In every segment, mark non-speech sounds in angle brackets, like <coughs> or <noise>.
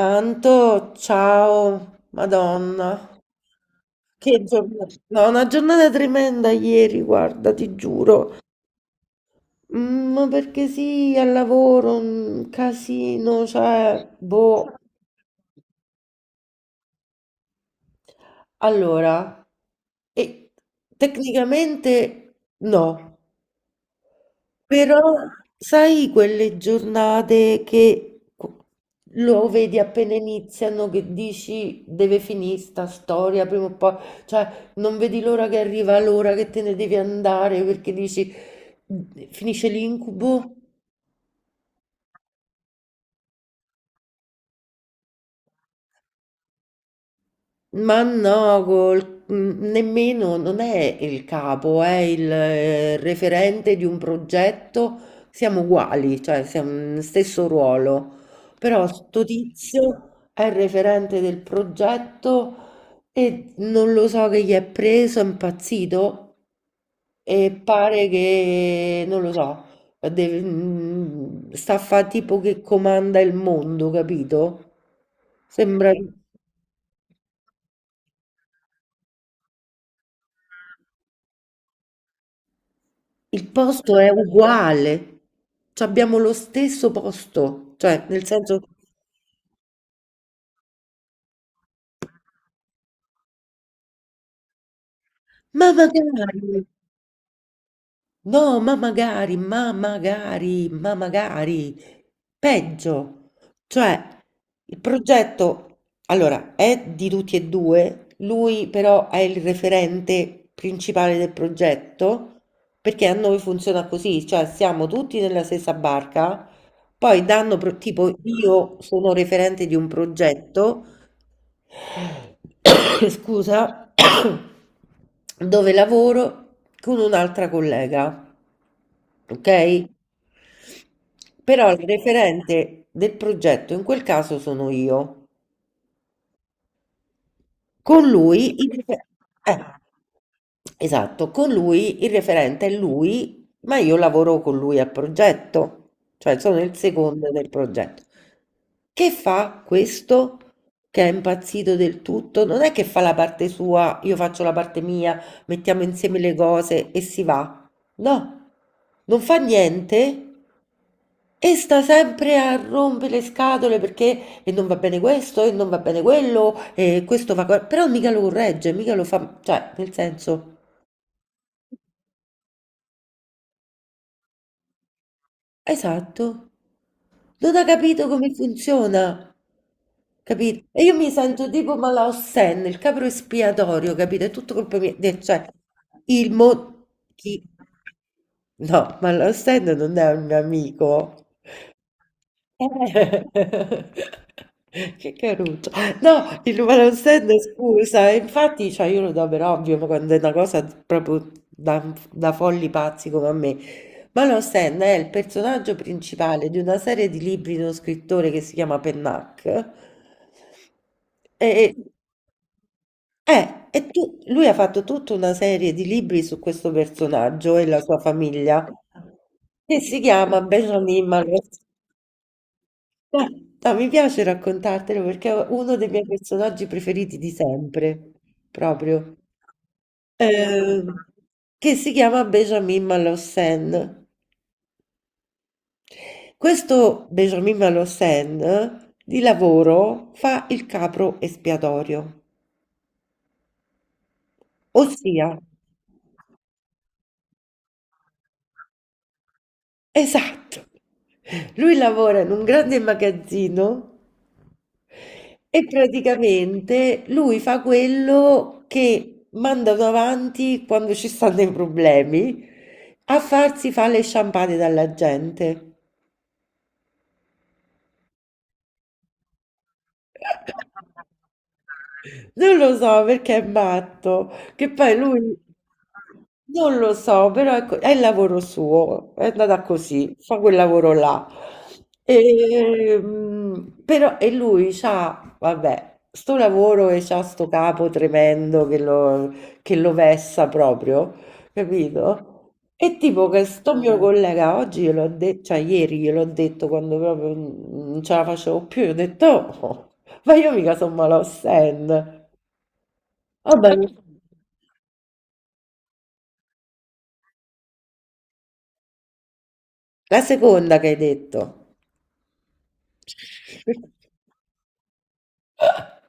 Anto, ciao, Madonna. Che giornata. No, una giornata tremenda ieri, guarda, ti giuro. Ma perché sì, al lavoro, un casino, cioè, boh. Allora, e tecnicamente no. Però sai quelle giornate che lo vedi appena iniziano, che dici deve finire sta storia prima o poi, cioè non vedi l'ora che arriva l'ora che te ne devi andare perché dici finisce l'incubo. Ma no, nemmeno, non è il capo, è il referente di un progetto, siamo uguali, cioè siamo nello stesso ruolo, però sto tizio è il referente del progetto e non lo so che gli è preso, è impazzito e pare che, non lo so, sta a fa tipo che comanda il mondo, capito? Sembra... Il posto è uguale, c'abbiamo lo stesso posto, cioè nel senso, ma magari! No, ma magari, ma magari, ma magari. Peggio. Cioè, il progetto, allora, è di tutti e due, lui però è il referente principale del progetto, perché a noi funziona così, cioè siamo tutti nella stessa barca, poi danno, tipo, io sono referente di un progetto, <coughs> scusa, <coughs> dove lavoro con un'altra collega, ok? Però il referente del progetto in quel caso sono io. Con lui eh, esatto, con lui il referente è lui, ma io lavoro con lui al progetto, cioè sono il secondo del progetto. Che fa questo? Che è impazzito del tutto, non è che fa la parte sua, io faccio la parte mia, mettiamo insieme le cose e si va. No, non fa niente e sta sempre a rompere le scatole perché e non va bene questo e non va bene quello e questo va... Però mica lo corregge, mica lo fa... Cioè, nel senso... Esatto. Non ha capito come funziona. Capito? E io mi sento tipo Malao Sen, il capro espiatorio, capito? È tutto colpa mia. Cioè, il mo... Chi... No, Malao Sen non è un mio amico. Eh. <laughs> Che caruccio. No, il numero stand, scusa, e infatti, cioè, io lo do per ovvio, ma quando è una cosa proprio da, da folli pazzi come a me. Ma lo stand è il personaggio principale di una serie di libri di uno scrittore che si chiama Pennac. E, lui ha fatto tutta una serie di libri su questo personaggio e la sua famiglia, che si chiama Benjamin Malone. No, no, mi piace raccontartelo perché è uno dei miei personaggi preferiti di sempre, proprio, ehm, che si chiama Benjamin Malhossein. Questo Benjamin Malhossein di lavoro fa il capro espiatorio, ossia esatto. Lui lavora in un grande magazzino e praticamente lui fa quello che mandano avanti quando ci stanno i problemi, a farsi fare le sciampate dalla gente. Non lo so perché è matto, che poi lui non lo so, però ecco, è il lavoro suo, è andata così, fa quel lavoro là. E, però, e lui c'ha, vabbè, sto lavoro e c'ha sto capo tremendo che lo vessa proprio, capito? E tipo che sto mio collega oggi gliel'ho detto, cioè ieri gliel'ho detto quando proprio non ce la facevo più, gli ho detto, "Oh, ma io mica sono Malaussen". Vabbè, <laughs> la seconda che hai detto. <laughs>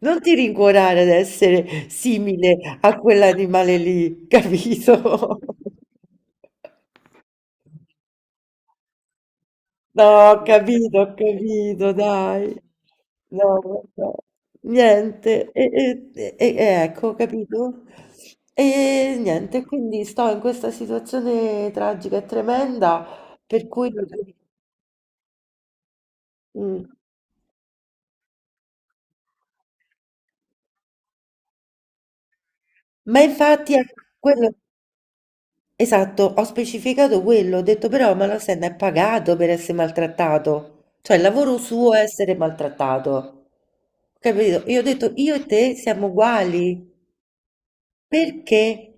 Non ti rincuorare ad essere simile a quell'animale lì, capito? <laughs> No, ho capito, dai. No, vabbè. Niente, e, e- e- e- ecco, capito? E niente, quindi sto in questa situazione tragica e tremenda per cui... Mm. Ma infatti è quello, esatto, ho specificato quello, ho detto però ma la Senna è pagato per essere maltrattato, cioè il lavoro suo è essere maltrattato, capito? Io ho detto io e te siamo uguali, perché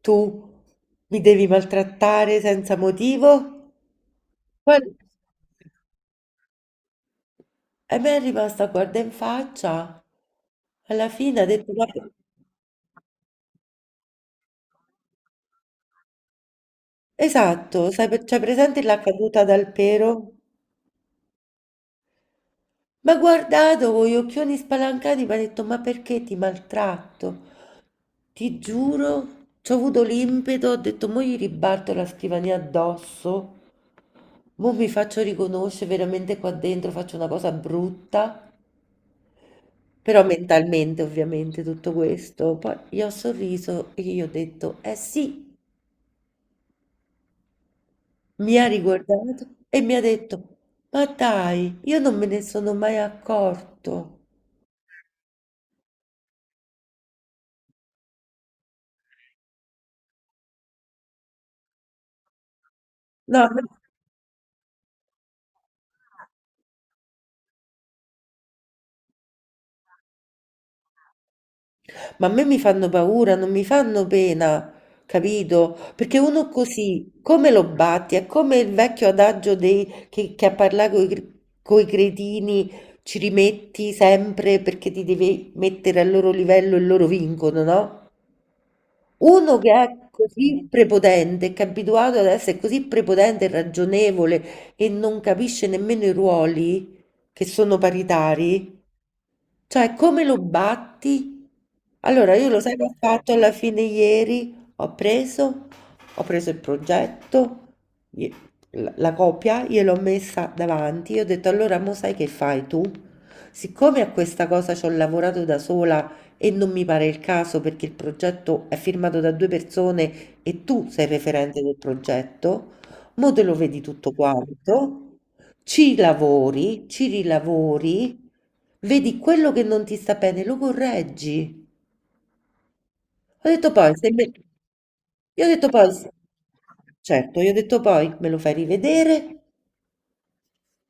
tu mi devi maltrattare senza motivo? Poi e mi è rimasta guarda in faccia, alla fine ha detto ma... Esatto, sai, c'è presente la caduta dal pero? M'ha guardato con gli occhioni spalancati, mi ha detto: ma perché ti maltratto? Ti giuro, ci ho avuto l'impeto, ho detto: mo gli ribatto la scrivania addosso, mo mi faccio riconoscere veramente qua dentro, faccio una cosa brutta. Però mentalmente, ovviamente, tutto questo. Poi gli ho sorriso e gli ho detto: eh sì, mi ha riguardato e mi ha detto: ma dai, io non me ne sono mai accorto. No, no. Ma a me mi fanno paura, non mi fanno pena, capito? Perché uno così, come lo batti? È come il vecchio adagio che a parlare con i cretini ci rimetti sempre perché ti devi mettere al loro livello e loro vincono, no? Uno che è così prepotente, che è abituato ad essere così prepotente e ragionevole e non capisce nemmeno i ruoli che sono paritari, cioè, come lo batti? Allora, io lo sai che ho fatto alla fine ieri? Ho preso il progetto, gli- la, la copia, gliel'ho messa davanti, io ho detto allora, mo sai che fai tu? Siccome a questa cosa ci ho lavorato da sola e non mi pare il caso perché il progetto è firmato da due persone e tu sei referente del progetto, mo te lo vedi tutto quanto. Ci lavori, ci rilavori, vedi quello che non ti sta bene, lo correggi. Ho detto poi, se me... Io ho detto poi, certo, io ho detto poi, me lo fai rivedere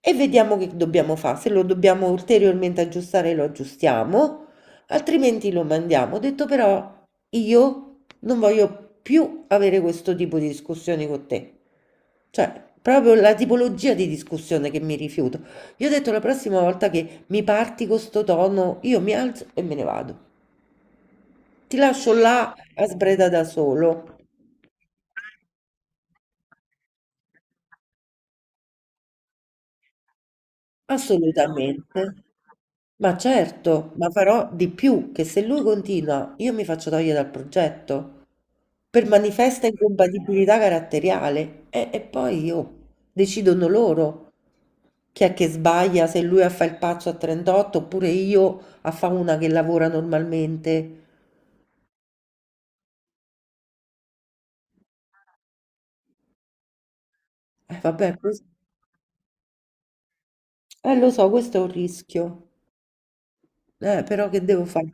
e vediamo che dobbiamo fa', se lo dobbiamo ulteriormente aggiustare lo aggiustiamo, altrimenti lo mandiamo. Ho detto però io non voglio più avere questo tipo di discussioni con te. Cioè, proprio la tipologia di discussione che mi rifiuto. Io ho detto la prossima volta che mi parti con sto tono, io mi alzo e me ne vado. Ti lascio là a sbreda da solo. Assolutamente. Ma certo, ma farò di più, che se lui continua, io mi faccio togliere dal progetto per manifesta incompatibilità caratteriale e poi io decidono loro chi è che sbaglia, se lui a fa il pazzo a 38 oppure io a fa una che lavora normalmente. Vabbè, questo- lo so, questo è un rischio, però che devo fare?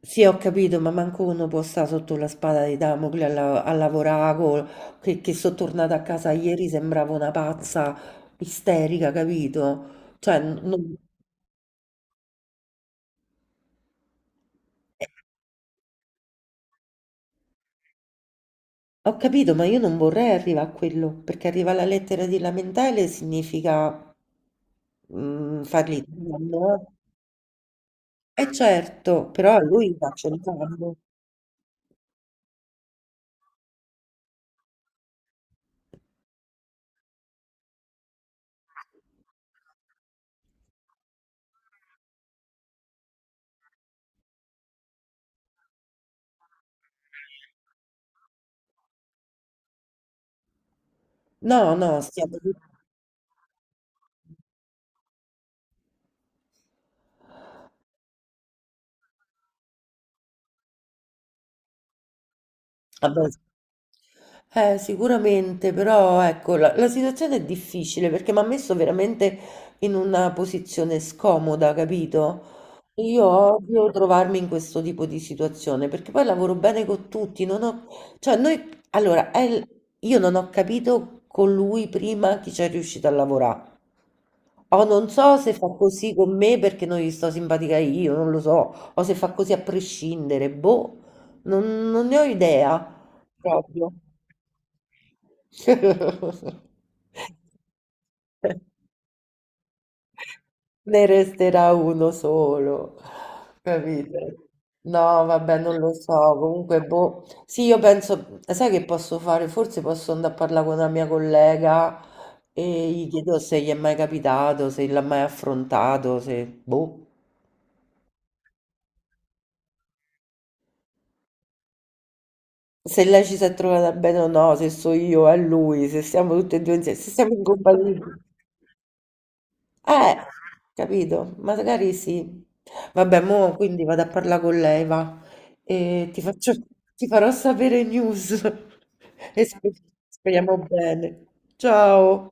Sì, ho capito, ma manco uno può stare sotto la spada di Damocle a, a lavorare, che sono tornata a casa ieri sembravo una pazza isterica, capito? Cioè, eh, ho capito, ma io non vorrei arrivare a quello, perché arrivare alla lettera di lamentele significa fargli danno. No? Eh certo, però a lui faccio il danno. No, no, stiamo... Vabbè, eh, sicuramente, però ecco, la situazione è difficile perché mi ha messo veramente in una posizione scomoda, capito? Io odio trovarmi in questo tipo di situazione perché poi lavoro bene con tutti, non ho, cioè noi, allora, io non ho capito con lui prima chi c'è riuscito a lavorare. O non so se fa così con me perché non gli sto simpatica io, non lo so, o se fa così a prescindere, boh, non ne ho idea proprio. <laughs> Ne resterà uno solo, capito? No, vabbè, non lo so, comunque, boh. Sì, io penso, sai che posso fare? Forse posso andare a parlare con una mia collega e gli chiedo se gli è mai capitato, se l'ha mai affrontato, se, boh. Se lei ci si è trovata bene o no, se so io, è lui, se siamo tutte e due insieme, se siamo incompatibili. Eh, capito? Magari sì. Vabbè, mo quindi vado a parlare con lei, va. E ti faccio, ti farò sapere news. <laughs> E speriamo bene. Ciao.